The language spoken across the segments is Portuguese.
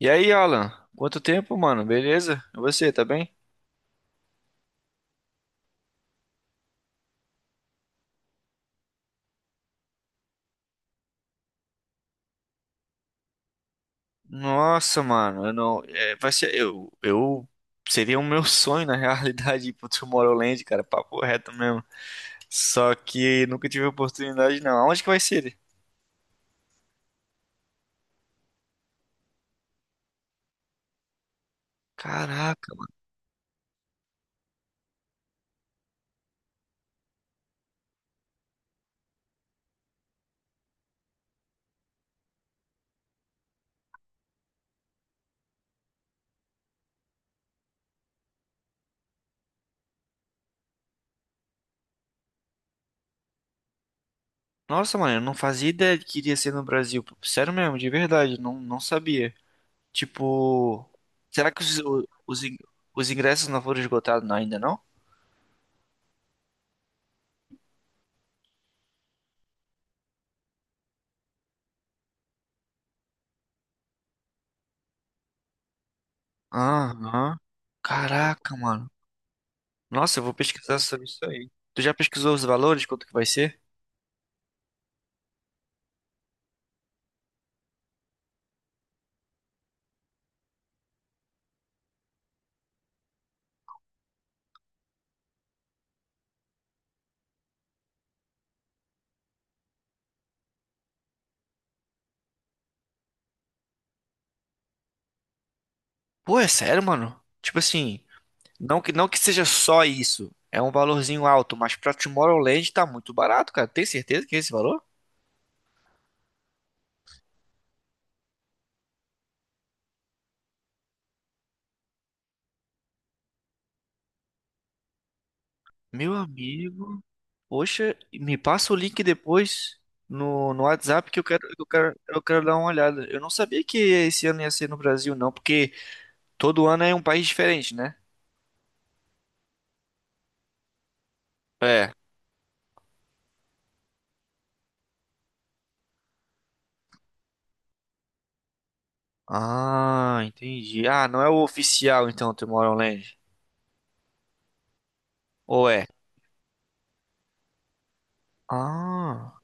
E aí, Alan? Quanto tempo, mano? Beleza? E você, tá bem? Nossa, mano, eu não. É, vai ser. Eu. Seria o meu sonho, na realidade, ir pro Tomorrowland, cara. Papo reto mesmo. Só que nunca tive oportunidade, não. Aonde que vai ser? Caraca. Nossa, mano, eu não fazia ideia de que iria ser no Brasil. Sério mesmo, de verdade. Não, não sabia. Tipo. Será que os, o- os, in- os ingressos não foram esgotados ainda, não? Aham. Caraca, mano. Nossa, eu vou pesquisar sobre isso aí. Tu já pesquisou os valores, quanto que vai ser? Pô, é sério, mano? Tipo assim, não que seja só isso. É um valorzinho alto, mas pra Tomorrowland tá muito barato, cara. Tem certeza que é esse valor? Meu amigo, poxa, me passa o link depois no WhatsApp que eu quero dar uma olhada. Eu não sabia que esse ano ia ser no Brasil, não, porque todo ano é um país diferente, né? É. Ah, entendi. Ah, não é o oficial então, Tomorrowland. Ou é? Ah,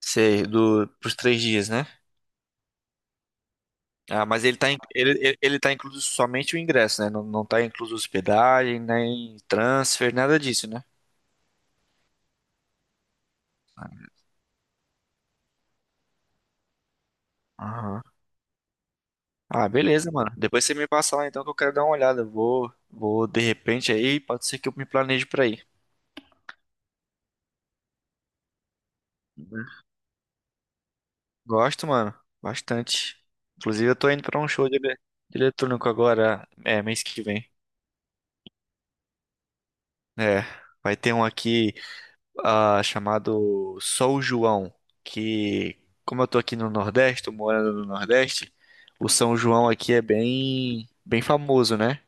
sei, do, pros 3 dias, né? Ah, mas ele tá, in- ele tá incluso somente o ingresso, né? Não, não tá incluso hospedagem, nem transfer, nada disso, né? Aham. Ah, beleza, mano. Depois você me passa lá então que eu quero dar uma olhada. Eu vou de repente aí, pode ser que eu me planeje pra ir. Uhum. Gosto, mano, bastante. Inclusive eu tô indo pra um show de eletrônico agora, mês que vem. É, vai ter um aqui. Ah, chamado São João, que como eu tô aqui no Nordeste, tô morando no Nordeste, o São João aqui é bem, bem famoso, né?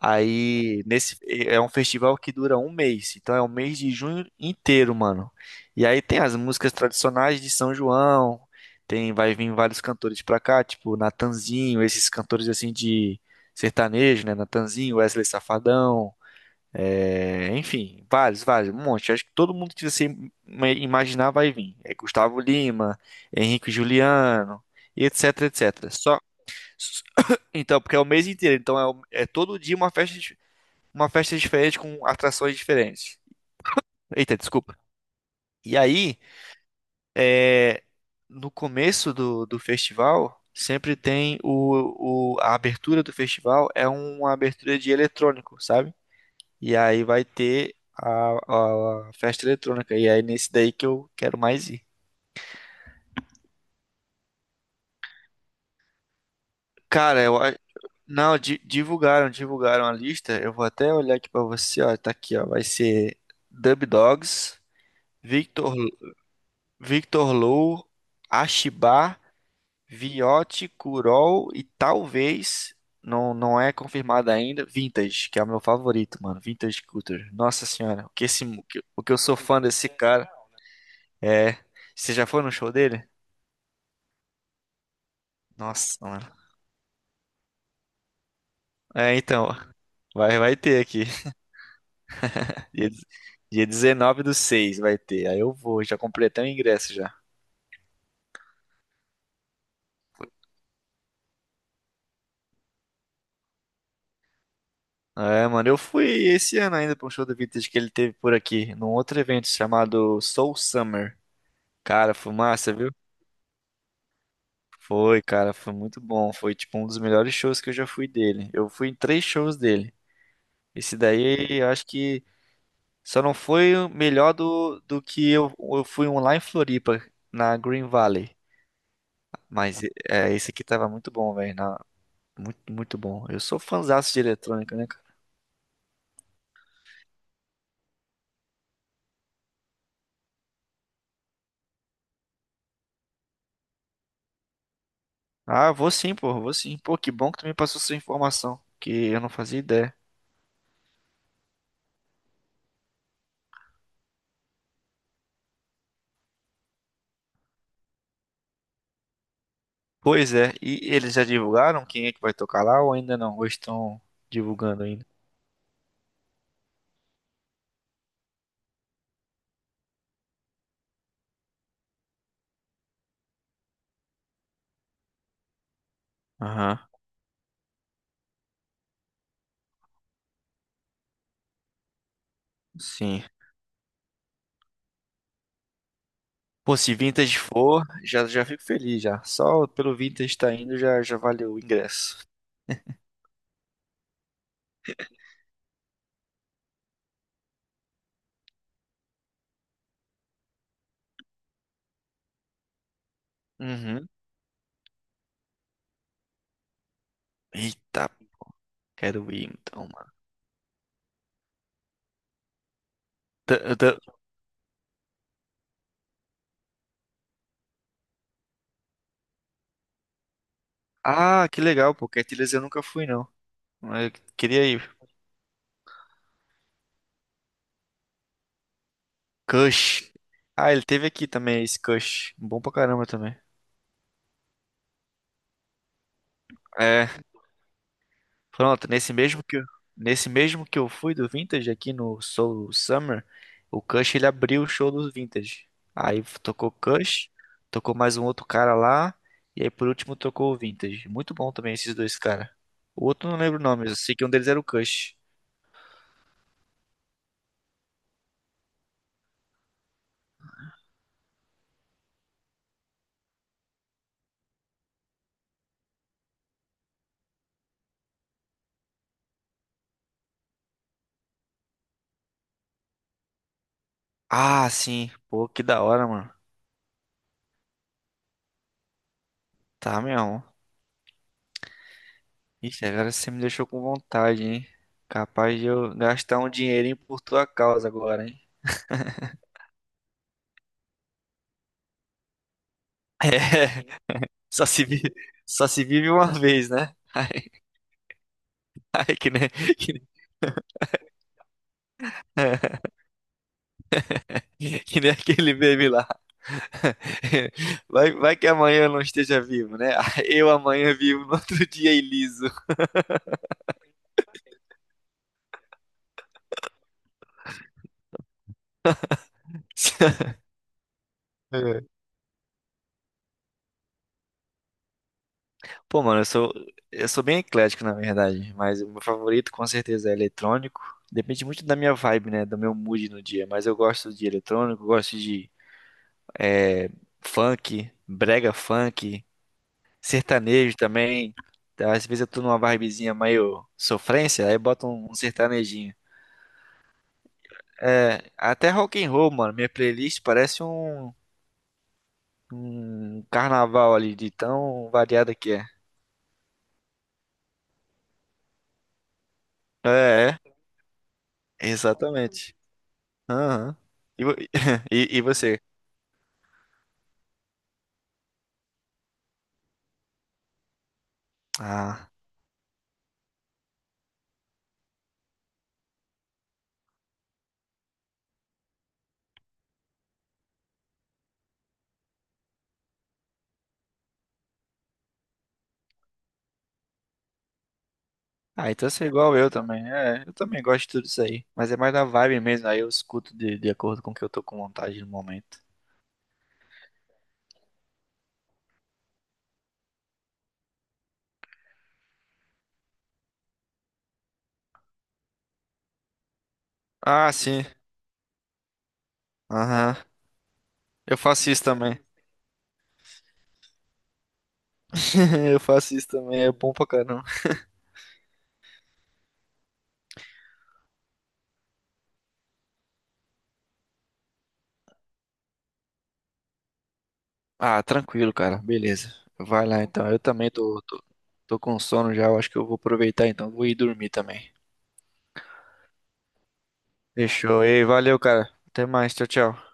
Aí nesse é um festival que dura um mês, então é um mês de junho inteiro, mano. E aí tem as músicas tradicionais de São João, tem vai vir vários cantores pra cá, tipo Natanzinho, esses cantores assim de sertanejo, né? Natanzinho, Wesley Safadão, enfim, vários, vários, um monte. Acho que todo mundo que você imaginar vai vir. É Gustavo Lima, Henrique Juliano, e etc, etc. Só s- então, porque é o mês inteiro, então é todo dia uma festa, uma festa diferente com atrações diferentes. Eita, desculpa. E aí, é, no começo do festival, sempre tem a abertura do festival é uma abertura de eletrônico, sabe? E aí vai ter a festa eletrônica. E aí nesse daí que eu quero mais ir. Cara, não, divulgaram a lista. Eu vou até olhar aqui pra você, ó, tá aqui, ó. Vai ser Dub Dogs, Victor Victor Low, Ashibá, Viotti, Kurol e talvez. Não, não é confirmado ainda. Vintage, que é o meu favorito, mano. Vintage Culture. Nossa senhora, o que esse, o que eu sou fã desse cara. É. Você já foi no show dele? Nossa, mano. É, então, vai ter aqui. Dia, dia 19/6 vai ter. Aí eu vou, já comprei até o ingresso já. É, mano, eu fui esse ano ainda pra um show do Vintage que ele teve por aqui, num outro evento chamado Soul Summer. Cara, foi massa, viu? Foi, cara, foi muito bom. Foi, tipo, um dos melhores shows que eu já fui dele. Eu fui em três shows dele. Esse daí, eu acho que só não foi o melhor do que eu fui um lá em Floripa, na Green Valley. Mas é, esse aqui tava muito bom, velho. Muito, muito bom. Eu sou fãzaço de eletrônica, né, cara? Ah, vou sim. Pô, que bom que tu me passou essa informação, que eu não fazia ideia. Pois é, e eles já divulgaram quem é que vai tocar lá ou ainda não? Ou estão divulgando ainda? Aham, sim. Pô, se Vintage for, já, já fico feliz já. Só pelo Vintage estar indo já, já valeu o ingresso. Uhum. Eita, quero ir então, mano. Tá- tá- Ah, que legal, pô, Cat eu nunca fui não. Mas eu queria ir. Kush. Ah, ele teve aqui também esse Kush. Bom pra caramba também. É, pronto, nesse mesmo que eu fui do Vintage aqui no Soul Summer, o Kush ele abriu o show do Vintage. Aí tocou Kush, tocou mais um outro cara lá, e aí por último tocou o Vintage. Muito bom também esses dois caras. O outro eu não lembro o nome, eu sei que um deles era o Kush. Ah, sim. Pô, que da hora, mano. Tá mesmo. Ixi, agora você me deixou com vontade, hein? Capaz de eu gastar um dinheirinho por tua causa agora, hein? É, só se vive uma vez, né? Ai, que nem, que nem, que nem aquele meme lá. Vai que amanhã eu não esteja vivo, né? Eu amanhã vivo, no outro dia é liso. Pô, mano, eu sou bem eclético, na verdade, mas o meu favorito com certeza é eletrônico. Depende muito da minha vibe, né? Do meu mood no dia, mas eu gosto de eletrônico, gosto de eh, funk, brega funk, sertanejo também. Tá, às vezes eu tô numa vibezinha meio sofrência, aí bota um sertanejinho. É, até rock and roll, mano, minha playlist parece um carnaval ali, de tão variada que é. É, exatamente. Aham. E, vo- e você? Ah. Ah, então você é igual eu também. É, eu também gosto de tudo isso aí. Mas é mais da vibe mesmo, aí eu escuto de acordo com o que eu tô com vontade no momento. Ah, sim. Aham. Eu faço isso também. Eu faço isso também, é bom pra caramba. Ah, tranquilo, cara. Beleza. Vai lá então. Eu também tô com sono já. Eu acho que eu vou aproveitar então. Vou ir dormir também. Fechou. Ei, valeu, cara. Até mais. Tchau, tchau.